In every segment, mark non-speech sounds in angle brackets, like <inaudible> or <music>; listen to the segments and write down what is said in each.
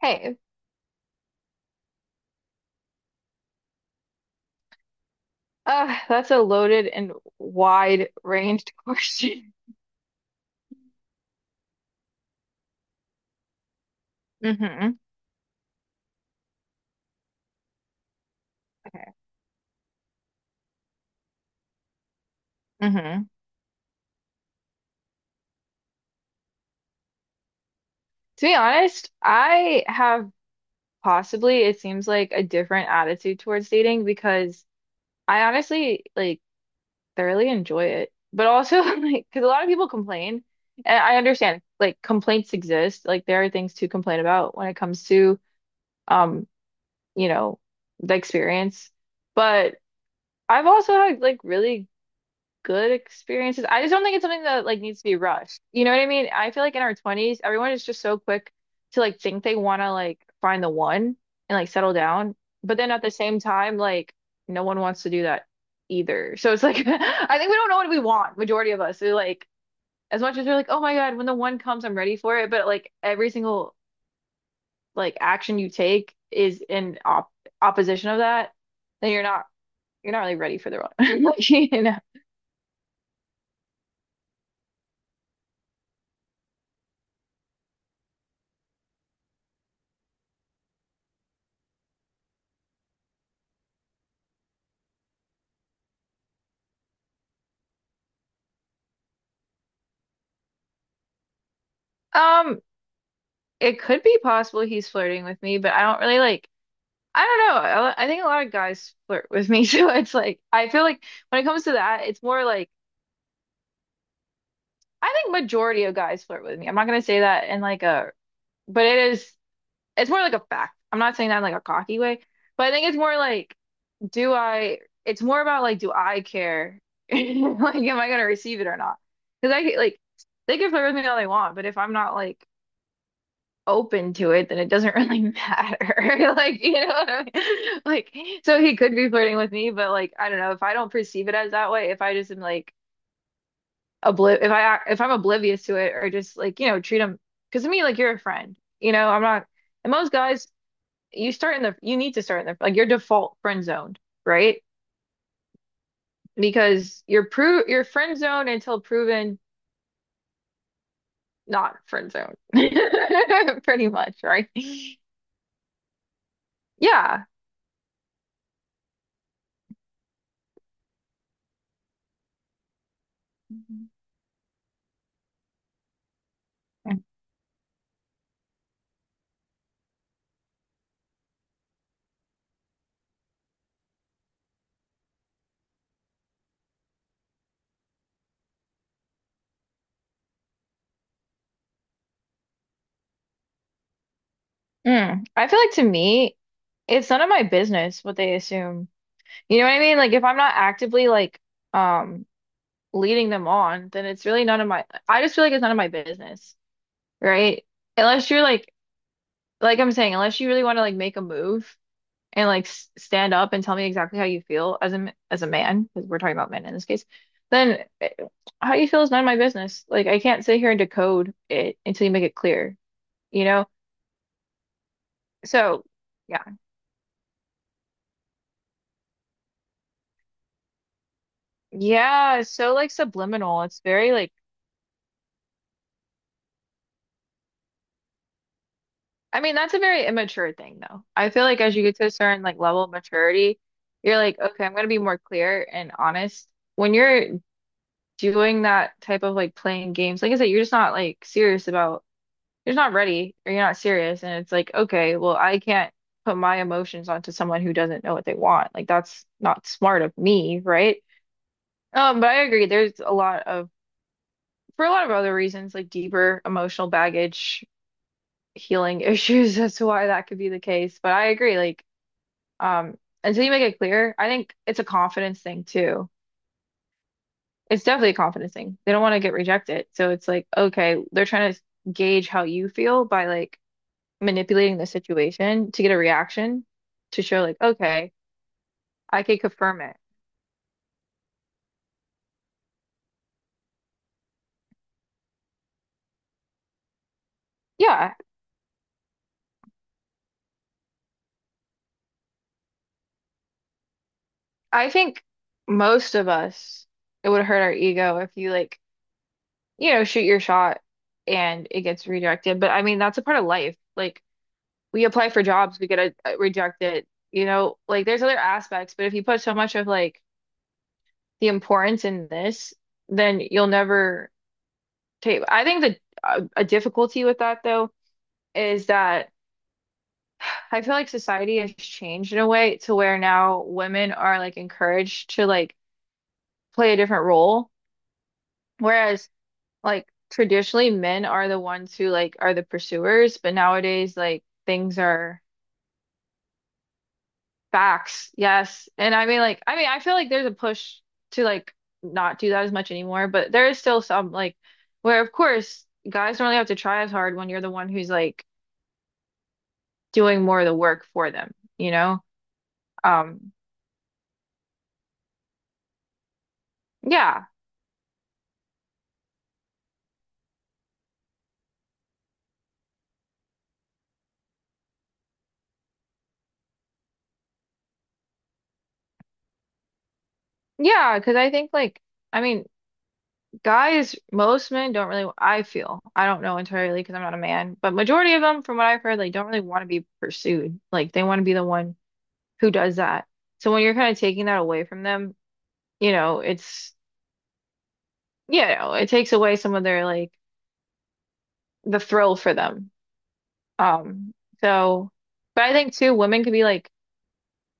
Hey. <laughs> That's a loaded and wide-ranged <laughs> question. Hmm. Okay. Hmm. To be honest, I have possibly, it seems like a different attitude towards dating because I honestly like thoroughly enjoy it. But also <laughs> like because a lot of people complain and I understand like complaints exist. Like there are things to complain about when it comes to um, you know, the experience. But I've also had like really good experiences. I just don't think it's something that like needs to be rushed. You know what I mean? I feel like in our 20s, everyone is just so quick to like think they want to like find the one and like settle down. But then at the same time, like no one wants to do that either. So it's like <laughs> I think we don't know what we want, majority of us. We're like as much as we're like, "Oh my God, when the one comes, I'm ready for it." But like every single like action you take is in op opposition of that, then you're not really ready for the one. <laughs> Like, you know. Um, It could be possible he's flirting with me, but I don't really like, I don't know. I think a lot of guys flirt with me, <laughs> so it's like, I feel like when it comes to that, it's more like, I think majority of guys flirt with me. I'm not gonna say that in like a, but it is, it's more like a fact. I'm not saying that in like a cocky way, but I think it's more like, do I, it's more about like, do I care? <laughs> Like, am I gonna receive it or not? Because I could, like, they can flirt with me all they want, but if I'm not like, open to it, then it doesn't really matter. <laughs> Like, you know what I mean? <laughs> Like, so he could be flirting with me, but like, I don't know, if I don't perceive it as that way, if I just am like obli if I if I'm oblivious to it or just like, you know, treat him because to me, like you're a friend. You know, I'm not and most guys, you start in the you need to start in the like your default friend zoned, right? Because you're friend zoned until proven not friend zoned. <laughs> Pretty much, right? Yeah. Mhm. Mm. I feel like to me, it's none of my business what they assume. You know what I mean? Like if I'm not actively like um leading them on, then it's really none of my I just feel like it's none of my business, right? Unless you're like I'm saying, unless you really want to like make a move and like s stand up and tell me exactly how you feel as a as a man, because we're talking about men in this case, then how you feel is none of my business. Like I can't sit here and decode it until you make it clear, you know? So yeah, it's so like subliminal. It's very like I mean, that's a very immature thing though. I feel like as you get to a certain like level of maturity, you're like, okay, I'm gonna be more clear and honest. When you're doing that type of like playing games, like I said, you're just not like serious about you're not ready or you're not serious and it's like, okay, well, I can't put my emotions onto someone who doesn't know what they want. Like that's not smart of me, right? But I agree, there's a lot of for a lot of other reasons, like deeper emotional baggage healing issues. <laughs> That's why that could be the case. But I agree, like, um, until you make it clear, I think it's a confidence thing too. It's definitely a confidence thing. They don't want to get rejected. So it's like, okay, they're trying to gauge how you feel by like manipulating the situation to get a reaction to show like, okay, I can confirm it. Yeah, I think most of us, it would hurt our ego if you like, you know, shoot your shot and it gets rejected. But I mean, that's a part of life. Like we apply for jobs, we get rejected. You know, like there's other aspects, but if you put so much of like the importance in this, then you'll never take. I think a difficulty with that though is that <sighs> I feel like society has changed in a way to where now women are like encouraged to like play a different role, whereas like traditionally men are the ones who like are the pursuers, but nowadays like things are facts, yes. And I mean like I mean I feel like there's a push to like not do that as much anymore, but there is still some like where of course guys don't really have to try as hard when you're the one who's like doing more of the work for them, you know? Um yeah. Yeah, because I think like I mean guys most men don't really I feel. I don't know entirely because I'm not a man, but majority of them from what I've heard like don't really want to be pursued. Like they want to be the one who does that. So when you're kind of taking that away from them, you know, it's you know, it takes away some of their like the thrill for them. Um, so but I think too, women could be like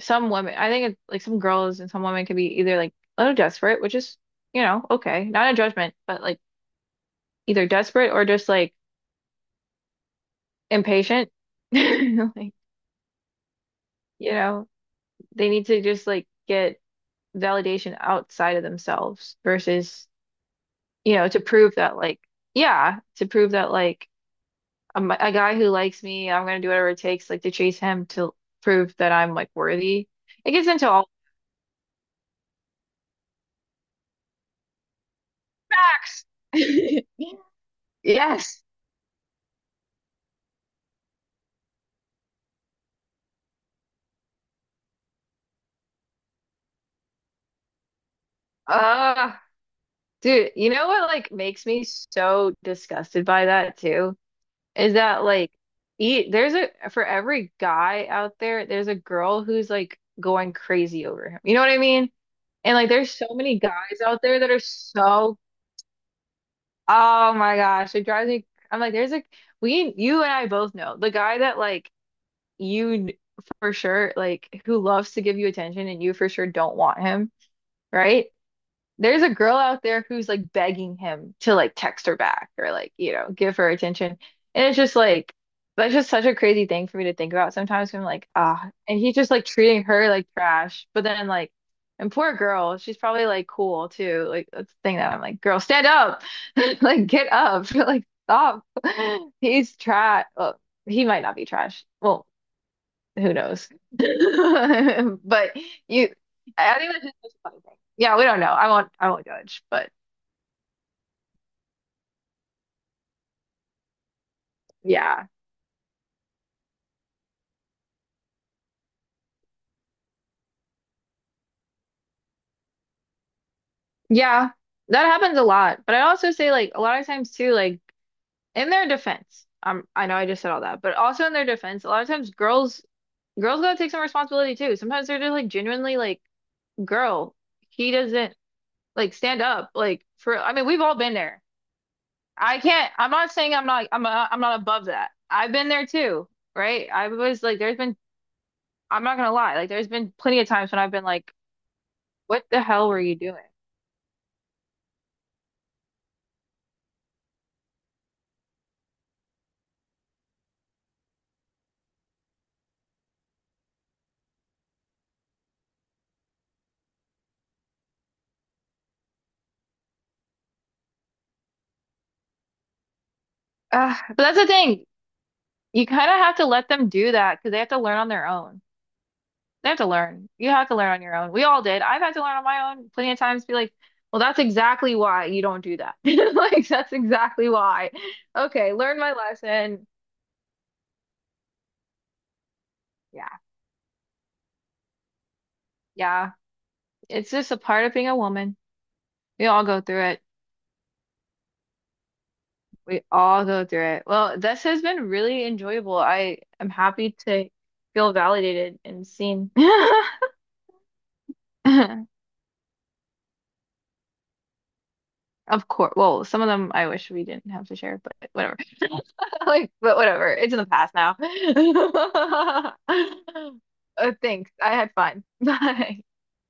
some women I think it's like some girls and some women could be either like a little desperate, which is, you know, okay. Not a judgment, but like either desperate or just like impatient. <laughs> Like, you know, they need to just like get validation outside of themselves versus, you know, to prove that like, yeah, to prove that like a guy who likes me, I'm gonna do whatever it takes, like to chase him to prove that I'm like worthy. It gets into all facts. <laughs> Yes. Uh, dude, you know what like makes me so disgusted by that too? Is that like e there's a for every guy out there, there's a girl who's like going crazy over him. You know what I mean? And like there's so many guys out there that are so oh my gosh, it drives me I'm like there's like we you and I both know the guy that like you for sure like who loves to give you attention and you for sure don't want him, right? There's a girl out there who's like begging him to like text her back or like, you know, give her attention. And it's just like that's just such a crazy thing for me to think about sometimes. 'Cause I'm like, ah, and he's just like treating her like trash. But then like and poor girl, she's probably like cool too. Like that's the thing that I'm like, girl, stand up. <laughs> Like get up. <laughs> Like stop. <laughs> He's trash. Well, he might not be trash. Well, who knows? <laughs> But you, I think that's just a funny thing. Yeah, we don't know. I won't judge. But yeah, yeah, that happens a lot. But I also say like a lot of times too, like in their defense, I know I just said all that, but also in their defense, a lot of times girls, girls gotta take some responsibility too. Sometimes they're just like genuinely like, girl, he doesn't like stand up like for. I mean, we've all been there. I can't. I'm not saying I'm not. I'm. I I'm not above that. I've been there too right? I was like, there's been I'm not gonna lie. Like, there's been plenty of times when I've been like, "What the hell were you doing?" Ugh. But that's the thing. You kind of have to let them do that because they have to learn on their own. They have to learn. You have to learn on your own. We all did. I've had to learn on my own plenty of times. Be like, "Well, that's exactly why you don't do that." <laughs> Like, that's exactly why. Okay, learn my lesson. Yeah, yeah. It's just a part of being a woman. We all go through it. We all go through it. Well, this has been really enjoyable. I am happy to feel validated and seen. <laughs> Of course. Well, some of them I wish we didn't have to share, but whatever. <laughs> Like, but whatever. It's in the past now. <laughs> Thanks. I had fun. <laughs> Bye.